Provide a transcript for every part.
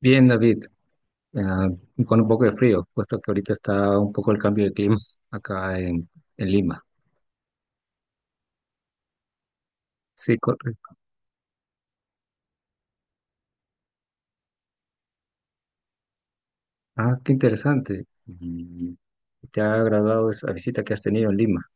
Bien, David, ah, con un poco de frío, puesto que ahorita está un poco el cambio de clima acá en Lima. Sí, correcto. Ah, qué interesante. ¿Y te ha agradado esa visita que has tenido en Lima?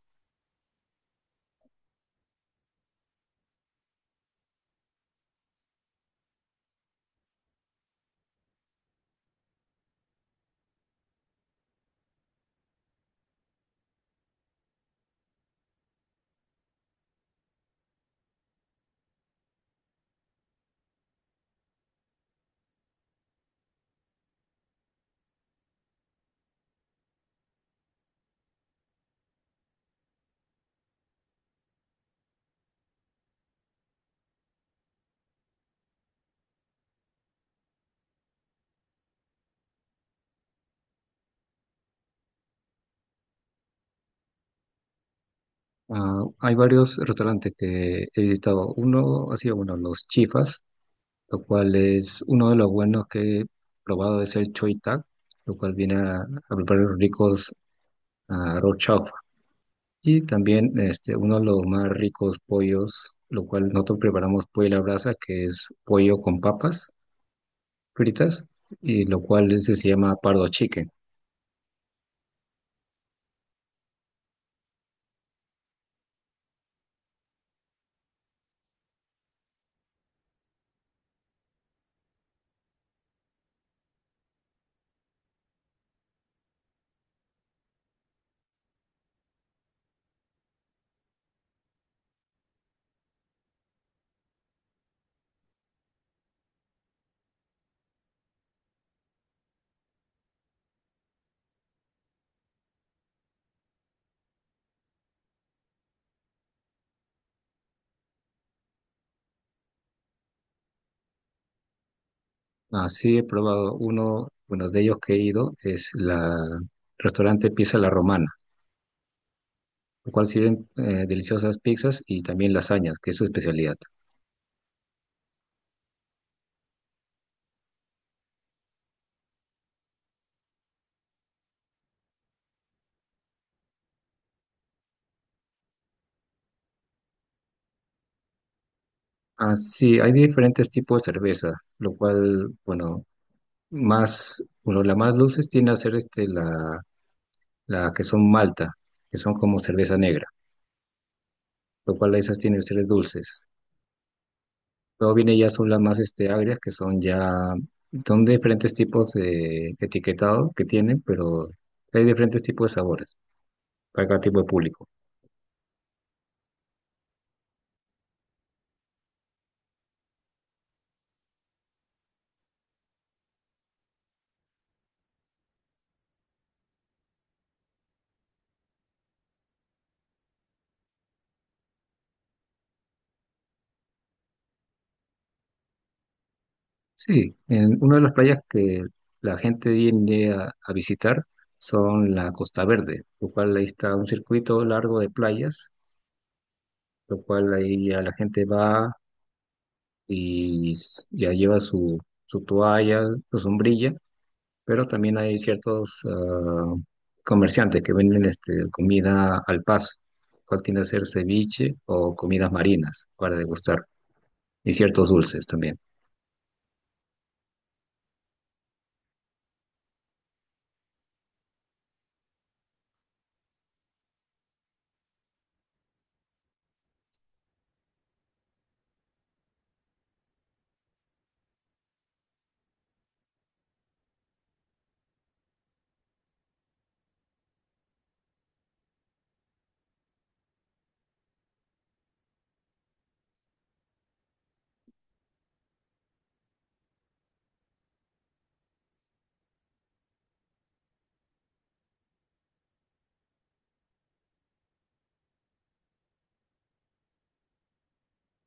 Ah, hay varios restaurantes que he visitado. Uno ha sido, bueno, Los Chifas, lo cual es uno de los buenos que he probado, es el Choy Tag, lo cual viene a preparar ricos arroz. Y también este, uno de los más ricos pollos, lo cual nosotros preparamos pollo a la brasa, que es pollo con papas fritas, y lo cual ese se llama pardo chicken. Así he probado uno de ellos que he ido, es la restaurante Pizza La Romana, lo cual sirven deliciosas pizzas y también lasañas, que es su especialidad. Así, hay diferentes tipos de cerveza, lo cual, bueno, más, bueno, la más dulce tiene a ser este, la que son malta, que son como cerveza negra, lo cual esas tienen ustedes dulces. Luego viene ya son las más este, agrias, que son ya, son diferentes tipos de etiquetado que tienen, pero hay diferentes tipos de sabores para cada tipo de público. Sí, en una de las playas que la gente viene a visitar son la Costa Verde, lo cual ahí está un circuito largo de playas, lo cual ahí ya la gente va y ya lleva su toalla, su sombrilla, pero también hay ciertos comerciantes que venden este, comida al paso, cual tiende a ser ceviche o comidas marinas para degustar, y ciertos dulces también.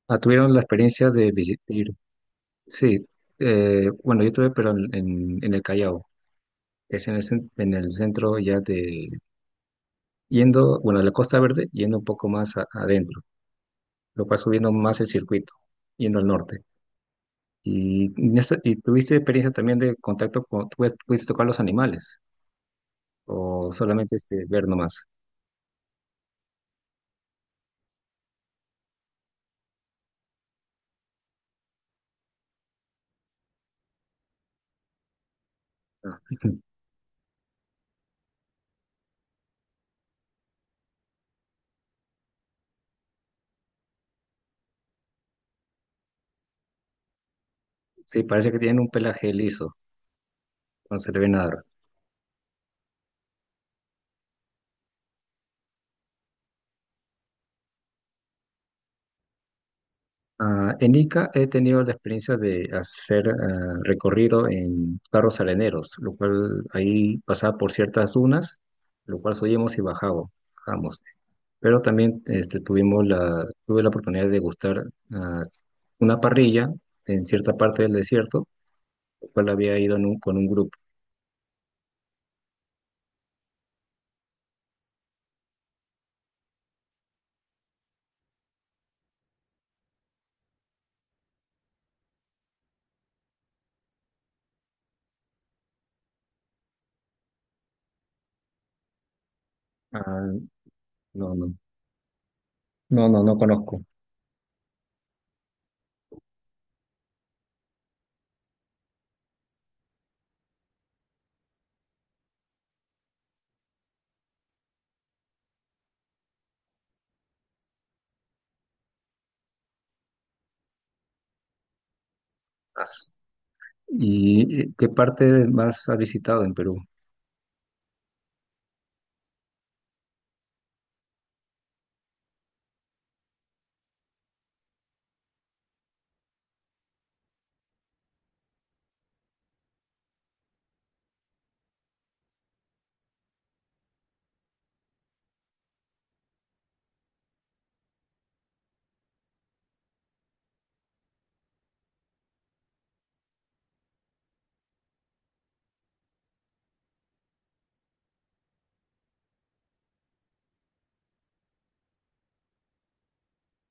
Ah, ¿tuvieron la experiencia de visitar? Sí, bueno, yo estuve, pero en el Callao, que es en el, en el centro ya de, yendo, bueno, de la Costa Verde, yendo un poco más adentro, lo cual subiendo más el circuito, yendo al norte. Y tuviste experiencia también de contacto con, tú pudiste tocar los animales, o solamente este, ver nomás. Ah, sí, parece que tienen un pelaje liso, no se le ve nada. Ah, en Ica he tenido la experiencia de hacer recorrido en carros areneros, lo cual ahí pasaba por ciertas dunas, lo cual subíamos y bajábamos. Pero también este, tuve la oportunidad de degustar ah, una parrilla en cierta parte del desierto, lo cual había ido en con un grupo. Ah, no, no, no, no conozco. ¿Y qué parte más has visitado en Perú?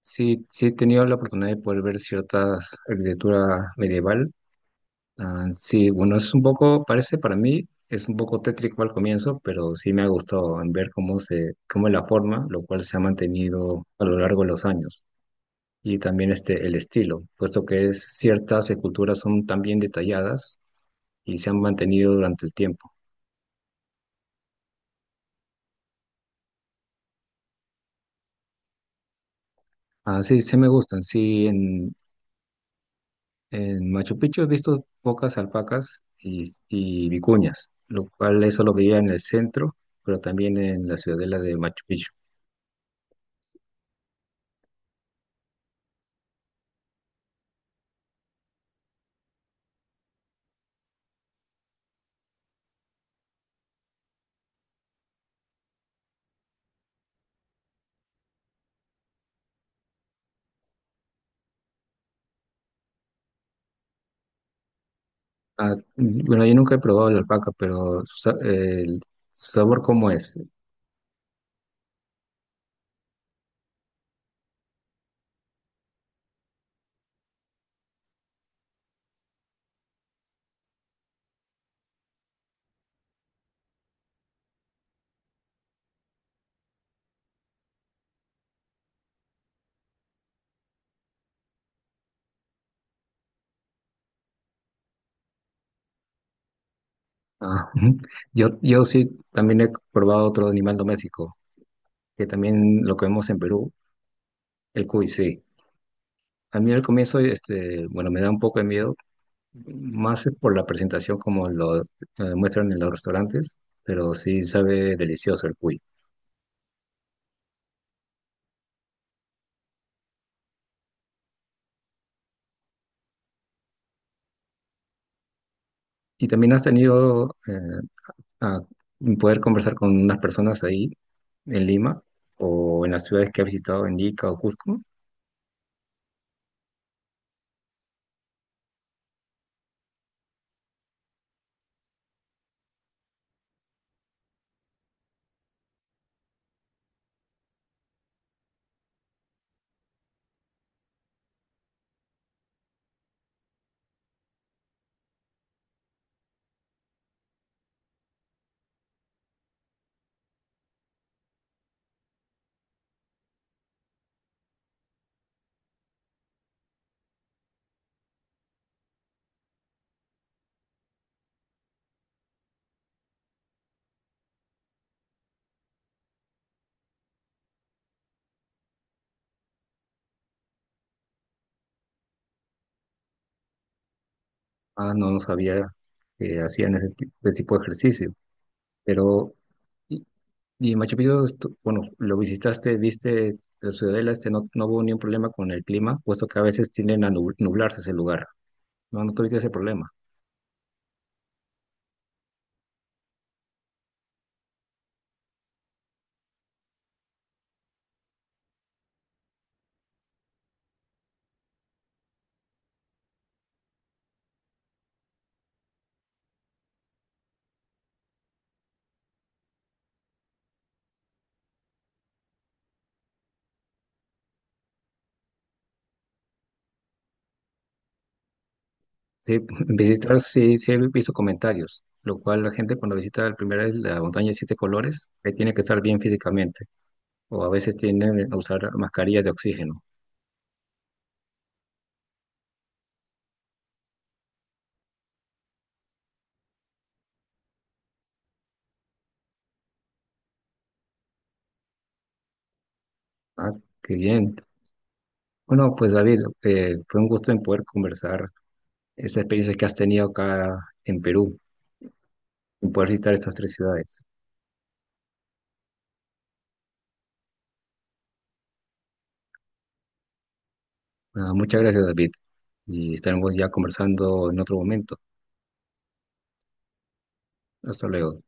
Sí, sí he tenido la oportunidad de poder ver ciertas arquitectura medieval. Ah, sí, bueno, es un poco, parece para mí, es un poco tétrico al comienzo, pero sí me ha gustado en ver cómo cómo es la forma, lo cual se ha mantenido a lo largo de los años. Y también este, el estilo, puesto que es, ciertas esculturas son tan bien detalladas y se han mantenido durante el tiempo. Ah, sí, sí me gustan, sí. En Machu Picchu he visto pocas alpacas y vicuñas, lo cual eso lo veía en el centro, pero también en la ciudadela de Machu Picchu. Ah, mm, bueno, yo nunca he probado la alpaca, pero su, sa- el su sabor cómo es. Ah, yo sí también he probado otro animal doméstico, que también lo comemos en Perú, el cuy, sí. A mí al comienzo, este, bueno, me da un poco de miedo, más por la presentación como lo muestran en los restaurantes, pero sí sabe delicioso el cuy. Y también has tenido a poder conversar con unas personas ahí en Lima o en las ciudades que has visitado en Ica o Cusco. Ah, no, no sabía que hacían ese tipo de ejercicio. Pero, y, y Machu Picchu, bueno, lo visitaste, viste la ciudadela, este, no, no hubo ningún problema con el clima, puesto que a veces tienden a nublarse ese lugar. No, no tuviste ese problema. Sí, en visitar, sí, sí he visto comentarios, lo cual la gente cuando visita la primera vez la montaña de siete colores, tiene que estar bien físicamente, o a veces tienden a usar mascarillas de oxígeno. Ah, qué bien. Bueno, pues David, fue un gusto en poder conversar esta experiencia que has tenido acá en Perú, en poder visitar estas tres ciudades. Ah, muchas gracias, David, y estaremos ya conversando en otro momento. Hasta luego.